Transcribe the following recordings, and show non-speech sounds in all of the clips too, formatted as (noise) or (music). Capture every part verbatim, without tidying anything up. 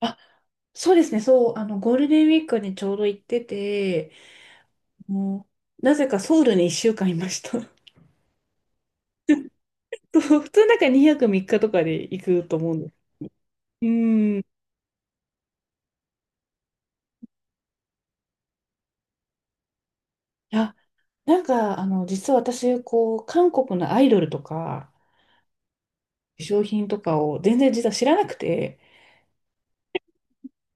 あ、そうですね、そう、あの、ゴールデンウィークにちょうど行ってて、もう、なぜかソウルにいっしゅうかんいました。(laughs) そう普通なんかにはくみっかとかで行くと思うんです。うん。いや、なんか、あの、実は私、こう、韓国のアイドルとか、化粧品とかを全然実は知らなくて、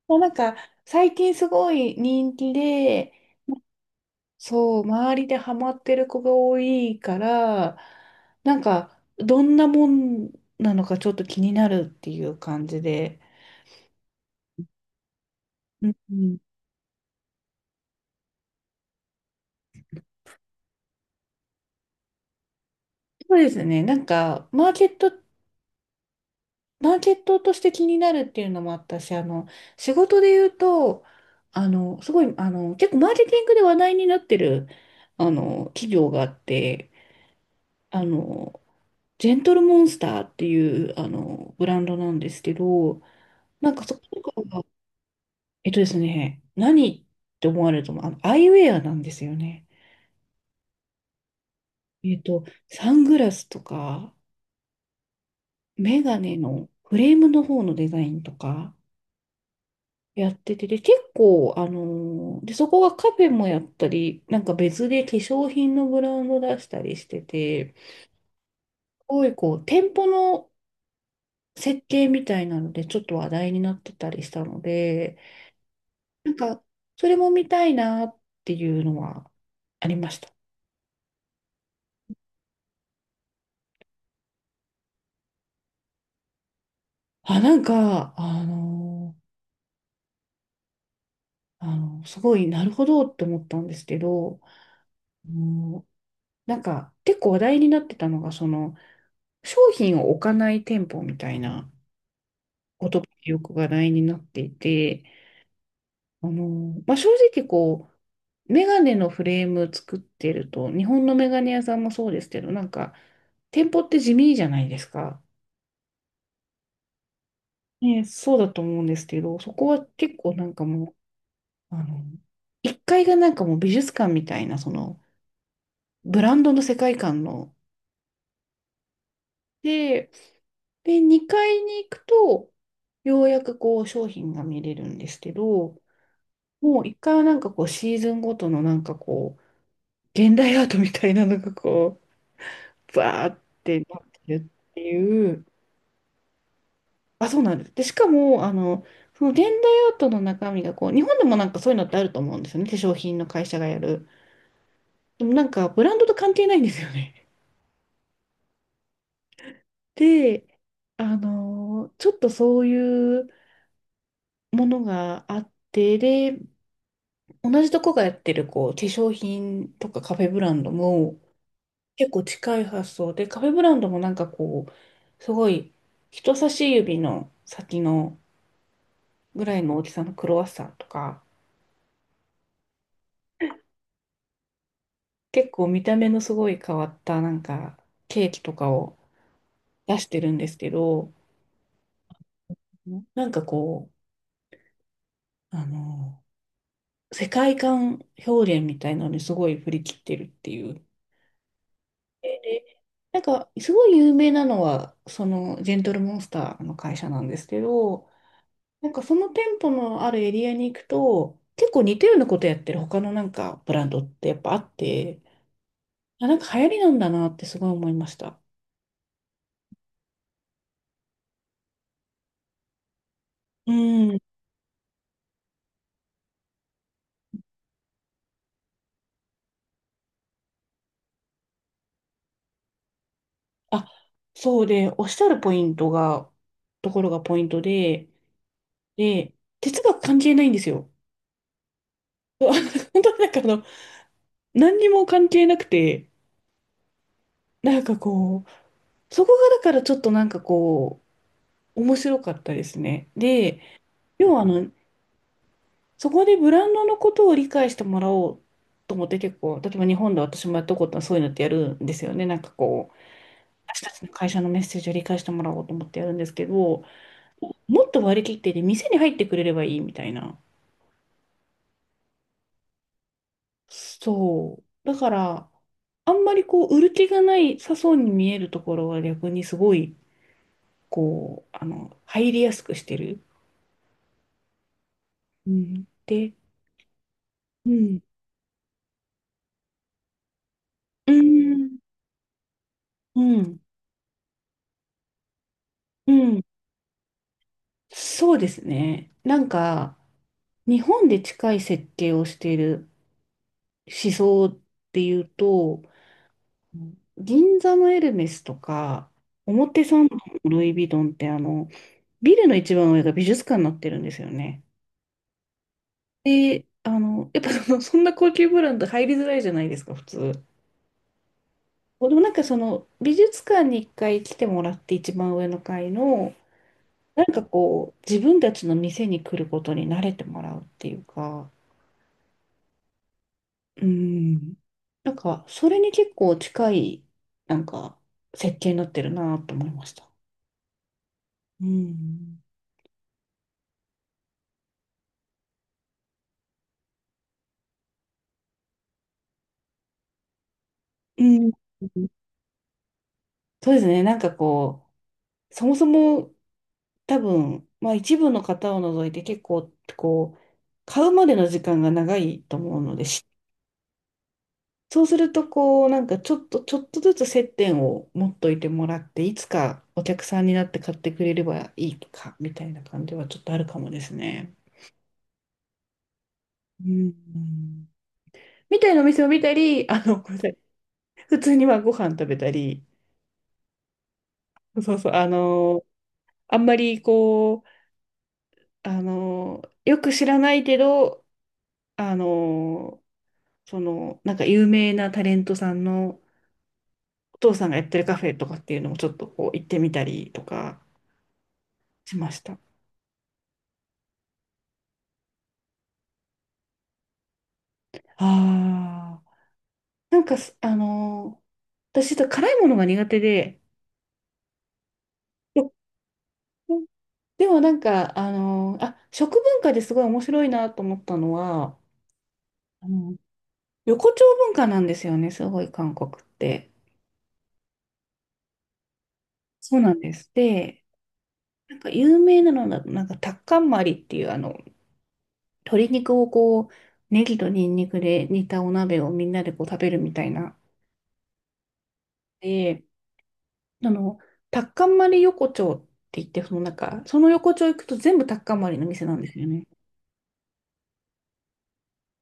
もうなんか、最近すごい人気で、そう、周りでハマってる子が多いから、なんか、どんなもんなのかちょっと気になるっていう感じで。うんうん、そうですね。なんか、マーケット、マーケットとして気になるっていうのもあったし、あの、仕事で言うと、あの、すごい、あの、結構マーケティングで話題になってる、あの、企業があって、あの、ジェントルモンスターっていう、あの、ブランドなんですけど、なんかそこえっとですね、何って思われると思う。あの、アイウェアなんですよね。えっと、サングラスとか、メガネのフレームの方のデザインとかやってて、で、結構、あのーで、そこがカフェもやったり、なんか別で化粧品のブランド出したりしてて、すごいこう、店舗の設計みたいなので、ちょっと話題になってたりしたので、なんか、それも見たいなっていうのはありました。あ、なんか、あのーあの、すごいなるほどって思ったんですけど、もうなんか結構話題になってたのが、その商品を置かない店舗みたいなことがよく話題になっていて、あの、まあ、正直こう、メガネのフレーム作ってると、日本のメガネ屋さんもそうですけど、なんか店舗って地味じゃないですか。ね、そうだと思うんですけど、そこは結構なんかもう、あの、階がなんかもう美術館みたいな、そのブランドの世界観ので、で、にかいに行くと、ようやくこう商品が見れるんですけど、もういっかいはなんかこうシーズンごとのなんかこう、現代アートみたいなのがこう、バーってなってるっていう、あ、そうなんです。で、しかも、あの、その現代アートの中身がこう、日本でもなんかそういうのってあると思うんですよね、化粧品の会社がやる。でもなんかブランドと関係ないんですよね。で、あの、ちょっとそういうものがあって、で、同じとこがやってるこう化粧品とかカフェブランドも結構近い発想で、カフェブランドもなんかこう、すごい人差し指の先のぐらいの大きさのクロワッサンとか、結構見た目のすごい変わったなんかケーキとかを出してるんですけど、なんかこう、あの、世界観表現みたいなのにすごい振り切ってるっていうでなんか、すごい有名なのは、その、ジェントルモンスターの会社なんですけど、なんかその店舗のあるエリアに行くと、結構似たようなことやってる他のなんかブランドってやっぱあって、あ、なんか流行りなんだなってすごい思いました。うん。あ、そうで、おっしゃるポイントが、ところがポイントで、で、哲学関係ないんですよ。(laughs) 本当になんかあの、何にも関係なくて、なんかこう、そこがだからちょっとなんかこう、面白かったですね。で、要はあの、そこでブランドのことを理解してもらおうと思って結構、例えば日本で私もやったことはそういうのってやるんですよね。なんかこう、私たちの会社のメッセージを理解してもらおうと思ってやるんですけど、もっと割り切ってで店に入ってくれればいいみたいな。そう。だから、あんまりこう、売る気がないさそうに見えるところは逆にすごい、こう、あの、入りやすくしてる。うん。で、うん。うん。うん。うん。そうですね。なんか、日本で近い設計をしている思想っていうと、銀座のエルメスとか、表参道のルイ・ヴィトンって、あの、ビルの一番上が美術館になってるんですよね。で、あの、やっぱその、そんな高級ブランド入りづらいじゃないですか、普通。でもなんかその、美術館に一回来てもらって一番上の階の、なんかこう、自分たちの店に来ることに慣れてもらうっていうか、うん。なんか、それに結構近い、なんか、設計になってるなと思いました。うん。うん。そうですね。なんかこう、そもそも多分、まあ一部の方を除いて結構、こう、買うまでの時間が長いと思うので、しそうすると、こう、なんかちょっと、ちょっとずつ接点を持っといてもらって、いつかお客さんになって買ってくれればいいか、みたいな感じはちょっとあるかもですね。うん。みたいなお店を見たり、あの、ごめんなさい。普通にまあご飯食べたり、そうそう、あの、あんまりこう、あの、よく知らないけど、あの、その、なんか有名なタレントさんのお父さんがやってるカフェとかっていうのもちょっとこう行ってみたりとかしました。ああ、なんかす、あの、私、辛いものが苦手で、でもなんか、あの、あ、食文化ですごい面白いなと思ったのは、あの横丁文化なんですよね、すごい韓国って。そうなんです。で、なんか有名なのだと、なんかタッカンマリっていう、あの、鶏肉をこう、ネギとニンニクで煮たお鍋をみんなでこう食べるみたいな。で、あの、タッカンマリ横丁って言って、そのなんか、その横丁行くと全部タッカンマリの店なんですよね。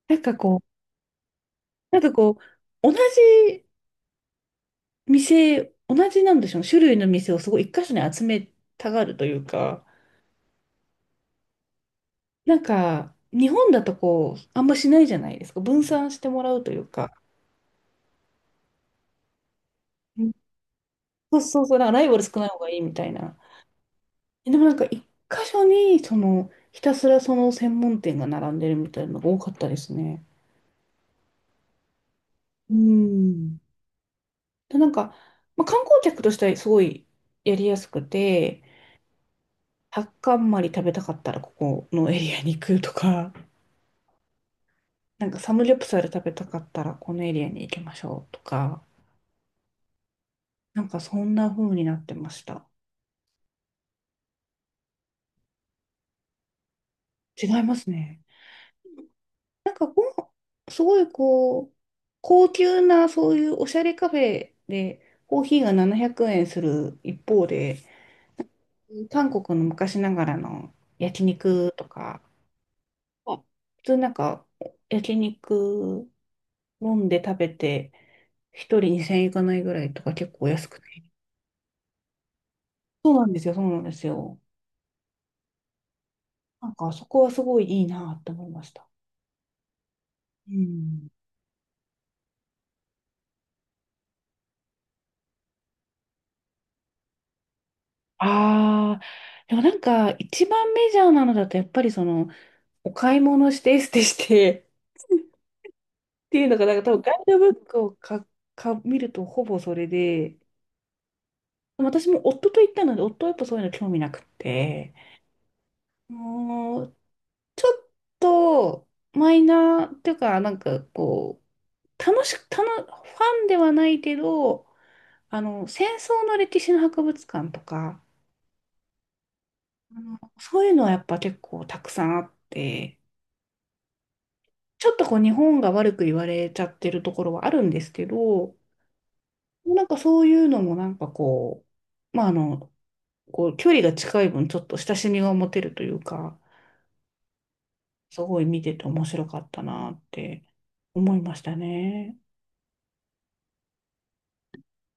なんかこう、なんかこう、同じ店、同じなんでしょうね、種類の店をすごい一箇所に集めたがるというか、なんか、日本だとこう、あんましないじゃないですか。分散してもらうというか。うんそうそうそう、だからライバル少ない方がいいみたいな。でもなんか、一箇所に、その、ひたすらその専門店が並んでるみたいなのが多かったですね。うん。で、なんか、まあ、観光客としてはすごいやりやすくて、タッカンマリ食べたかったらここのエリアに行くとか、(laughs) なんかサムギョプサル食べたかったらこのエリアに行きましょうとか、なんかそんな風になってました。違いますね。なんかご飯、すごいこう、高級なそういうおしゃれカフェでコーヒーがななひゃくえんする一方で、韓国の昔ながらの焼肉とか、あ普通なんか焼肉飲んで食べて一人にせんえんいかないぐらいとか結構安くて。そうなんですよ、そうなんですよ。なんかそこはすごいいいなって思いました。うん。ああ、でもなんか一番メジャーなのだとやっぱりそのお買い物してエステして (laughs) っていうのが、なんか多分ガイドブックをか、か、見るとほぼそれで、私も夫と行ったので、夫はやっぱそういうの興味なくって、もう、ちょっとマイナーっていうか、なんかこう、楽しく、楽、ファンではないけど、あの、戦争の歴史の博物館とか、あの、そういうのはやっぱ結構たくさんあって、ちょっとこう日本が悪く言われちゃってるところはあるんですけど、なんかそういうのもなんかこう、まああの、こう距離が近い分ちょっと親しみが持てるというか、すごい見てて面白かったなって思いましたね。